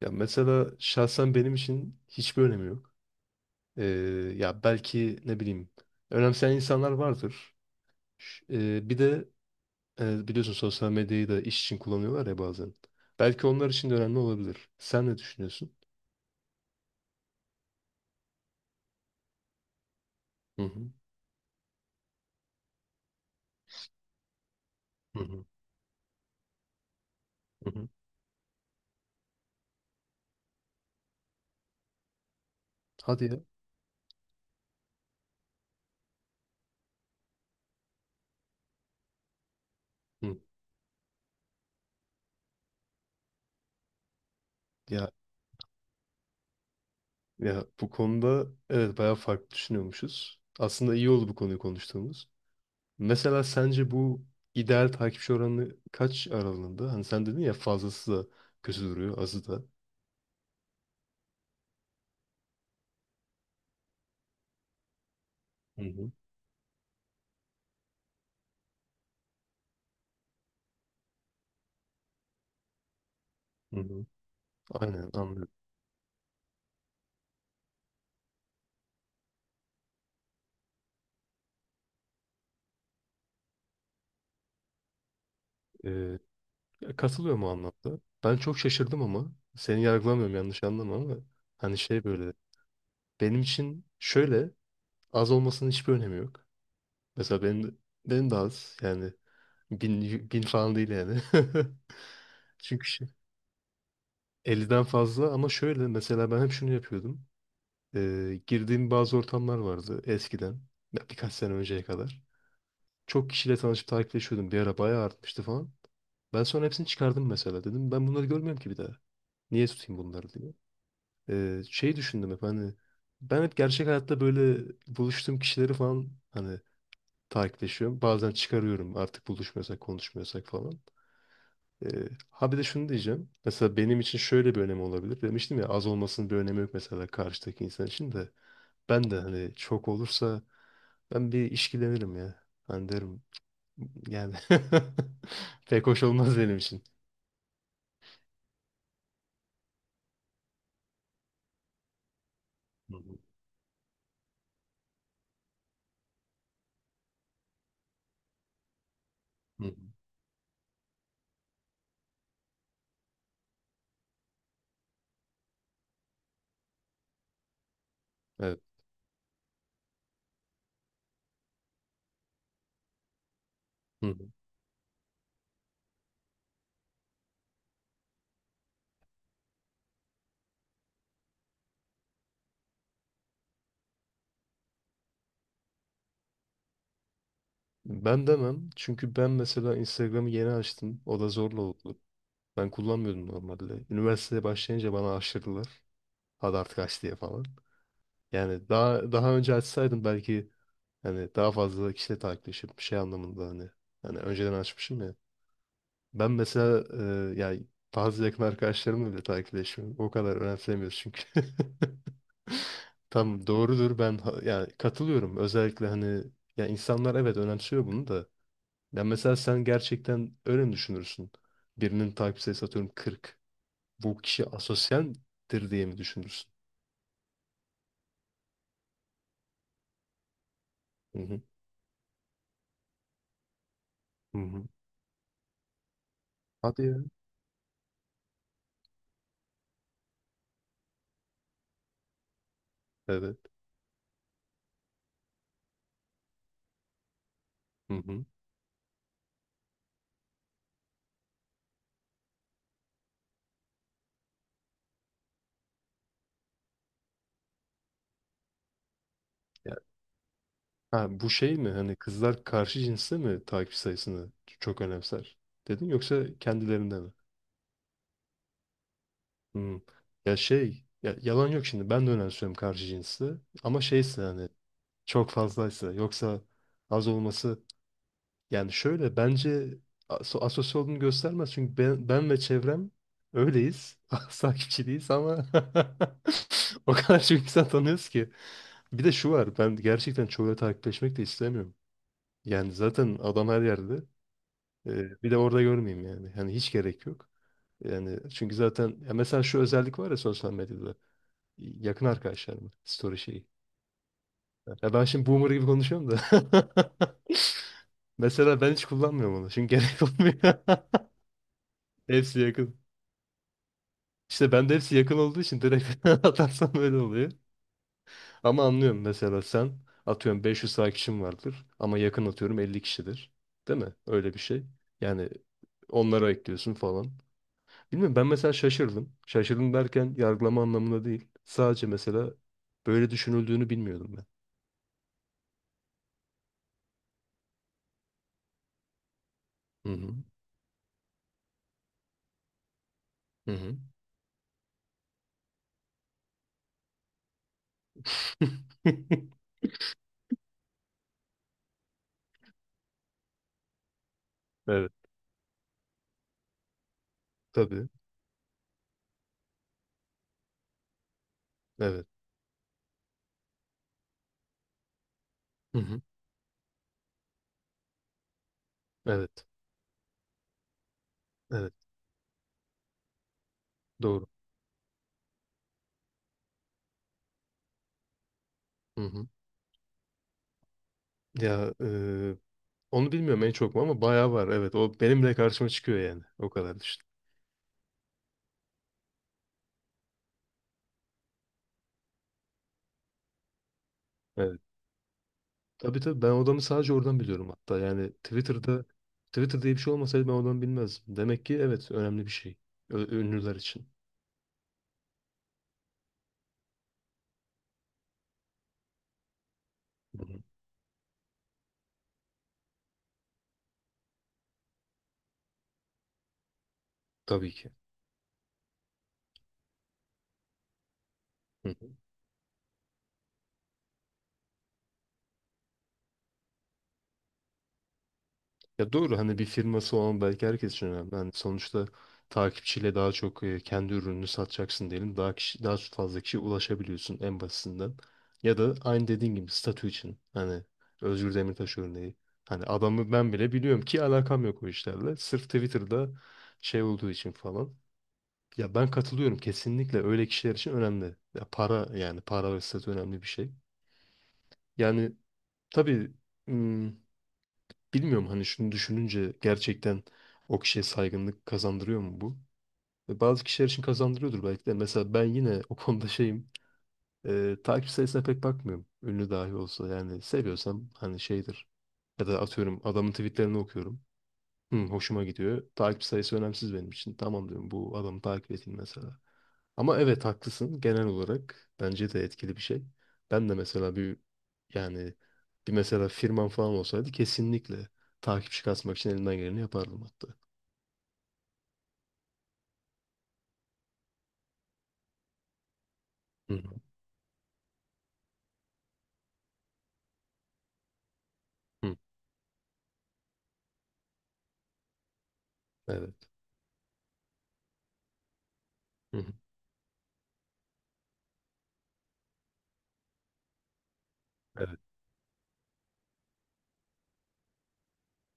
Ya mesela şahsen benim için hiçbir önemi yok. Ee, Ya belki ne bileyim önemseyen insanlar vardır. Bir de biliyorsun sosyal medyayı da iş için kullanıyorlar ya bazen. Belki onlar için de önemli olabilir. Sen ne düşünüyorsun? Hı hı. Hı hı. Hı hı. Hadi ya. Hı. Ya ya bu konuda evet bayağı farklı düşünüyormuşuz. Aslında iyi oldu bu konuyu konuştuğumuz. Mesela sence bu ideal takipçi oranı kaç aralığında? Hani sen dedin ya fazlası da kötü duruyor, azı da. Hı hı. Hı hı. Aynen anlıyorum. Ee, Katılıyorum o anlamda. Ben çok şaşırdım ama seni yargılamıyorum yanlış anlama ama hani şey böyle benim için şöyle az olmasının hiçbir önemi yok. Mesela benim de az yani bin falan değil yani. Çünkü şey, 50'den fazla ama şöyle mesela ben hep şunu yapıyordum. Girdiğim bazı ortamlar vardı eskiden ya birkaç sene önceye kadar. Çok kişiyle tanışıp takipleşiyordum. Bir ara bayağı artmıştı falan. Ben sonra hepsini çıkardım mesela dedim. Ben bunları görmüyorum ki bir daha. Niye tutayım bunları diye. Şey düşündüm hep hani ben hep gerçek hayatta böyle buluştuğum kişileri falan hani takipleşiyorum. Bazen çıkarıyorum artık buluşmuyorsak konuşmuyorsak falan. Ee, ha bir de şunu diyeceğim. Mesela benim için şöyle bir önemi olabilir. Demiştim ya az olmasının bir önemi yok mesela karşıdaki insan için de. Ben de hani çok olursa ben bir işkilenirim ya. Hani derim yani pek hoş olmaz benim için. Hı hı, hı hı. Evet. Hı hı. Ben demem. Çünkü ben mesela Instagram'ı yeni açtım. O da zorla oldu. Ben kullanmıyordum normalde. Üniversiteye başlayınca bana aşırdılar. Hadi artık aç diye falan. Yani daha önce açsaydım belki hani daha fazla kişiyle takipleşip şey anlamında hani önceden açmışım ya. Ben mesela yani bazı yakın arkadaşlarımla bile takipleşmiyorum. O kadar önemsemiyoruz çünkü. Tam doğrudur ben yani katılıyorum özellikle hani ya insanlar evet önemsiyor bunu da ya mesela sen gerçekten öyle mi düşünürsün? Birinin takip sayısı atıyorum 40. Bu kişi asosyaldir diye mi düşünürsün? Hı hı. Hı hı. Hadi ya. Evet. Hı hı. Ya, ha, bu şey mi hani kızlar karşı cinste mi takip sayısını çok önemser dedin yoksa kendilerinde mi? Hı. Ya şey ya yalan yok şimdi ben de önemsiyorum karşı cinsi ama şeyse hani çok fazlaysa. Yoksa az olması yani şöyle bence asosyal olduğunu göstermez. Çünkü ben ve çevrem öyleyiz. Takipçi değiliz ama o kadar çok insan tanıyoruz ki. Bir de şu var ben gerçekten çoğuyla takipleşmek de istemiyorum. Yani zaten adam her yerde. Bir de orada görmeyeyim yani. Hani hiç gerek yok. Yani çünkü zaten ya mesela şu özellik var ya sosyal medyada. Yakın arkadaşlarım story şeyi. Ya ben şimdi boomer gibi konuşuyorum da. Mesela ben hiç kullanmıyorum onu. Çünkü gerek olmuyor. Hepsi yakın. İşte ben de hepsi yakın olduğu için direkt atarsam öyle oluyor. Ama anlıyorum mesela sen atıyorum 500 takipçin vardır ama yakın atıyorum 50 kişidir. Değil mi? Öyle bir şey. Yani onlara ekliyorsun falan. Bilmiyorum ben mesela şaşırdım. Şaşırdım derken yargılama anlamında değil. Sadece mesela böyle düşünüldüğünü bilmiyordum ben. Hı hı. Hı hı. Evet. Tabii. Evet. Hı hı. Evet. Evet. Doğru. Hı hı. Ya onu bilmiyorum en çok mu ama bayağı var. Evet o benim bile karşıma çıkıyor yani. O kadar düşün. Evet. Tabii tabii ben odamı sadece oradan biliyorum hatta. Yani Twitter diye bir şey olmasaydı ben odamı bilmezdim. Demek ki evet önemli bir şey. Ünlüler için. Hı hı. Tabii ki. Hı. Ya doğru hani bir firması olan belki herkes için önemli. Hani sonuçta takipçiyle daha çok kendi ürününü satacaksın diyelim. Daha fazla kişiye ulaşabiliyorsun en basitinden. Ya da aynı dediğin gibi statü için. Hani Özgür Demirtaş örneği. Hani adamı ben bile biliyorum ki alakam yok o işlerle. Sırf Twitter'da şey olduğu için falan. Ya ben katılıyorum kesinlikle öyle kişiler için önemli. Ya para yani para ve statü önemli bir şey. Yani tabii bilmiyorum hani şunu düşününce gerçekten o kişiye saygınlık kazandırıyor mu bu? Ve bazı kişiler için kazandırıyordur belki de. Mesela ben yine o konuda şeyim. Takip sayısına pek bakmıyorum. Ünlü dahi olsa yani seviyorsam hani şeydir. Ya da atıyorum adamın tweetlerini okuyorum. Hı, hoşuma gidiyor. Takip sayısı önemsiz benim için. Tamam diyorum bu adamı takip edeyim mesela. Ama evet haklısın. Genel olarak bence de etkili bir şey. Ben de mesela yani bir mesela firmam falan olsaydı kesinlikle takipçi kasmak için elimden geleni yapardım hatta. Hı hı. Hı. Evet. Hı hı. Evet.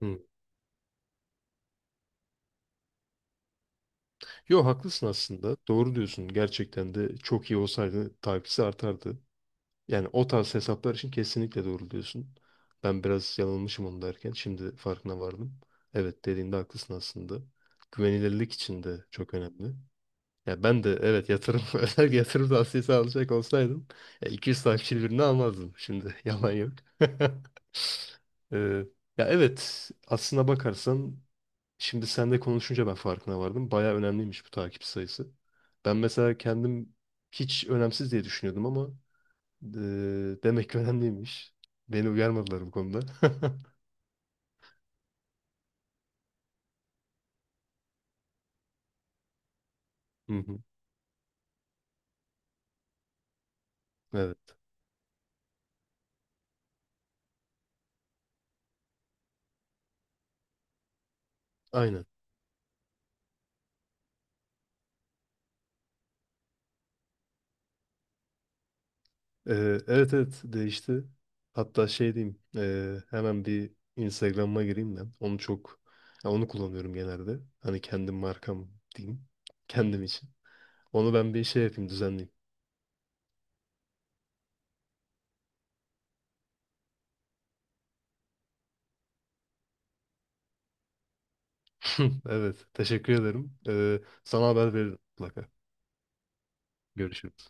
Hı. Yo haklısın aslında. Doğru diyorsun. Gerçekten de çok iyi olsaydı takipçisi artardı. Yani o tarz hesaplar için kesinlikle doğru diyorsun. Ben biraz yanılmışım onu derken şimdi farkına vardım. Evet dediğinde haklısın aslında. Güvenilirlik için de çok önemli. Ya ben de evet yatırım özel yatırım tavsiyesi alacak olsaydım ya 200 takipçili birini almazdım. Şimdi yalan yok. Ee, Ya evet aslına bakarsan şimdi seninle konuşunca ben farkına vardım. Baya önemliymiş bu takip sayısı. Ben mesela kendim hiç önemsiz diye düşünüyordum ama Eee, demek ki önemliymiş. Beni uyarmadılar bu konuda. Hı hı. Evet, aynen. Evet evet değişti. Hatta şey diyeyim, hemen bir Instagram'a gireyim ben. Onu çok, ya onu kullanıyorum genelde. Hani kendim markam diyeyim, kendim için. Onu ben bir şey yapayım, düzenleyeyim. Evet, teşekkür ederim. Sana haber veririm mutlaka. Görüşürüz.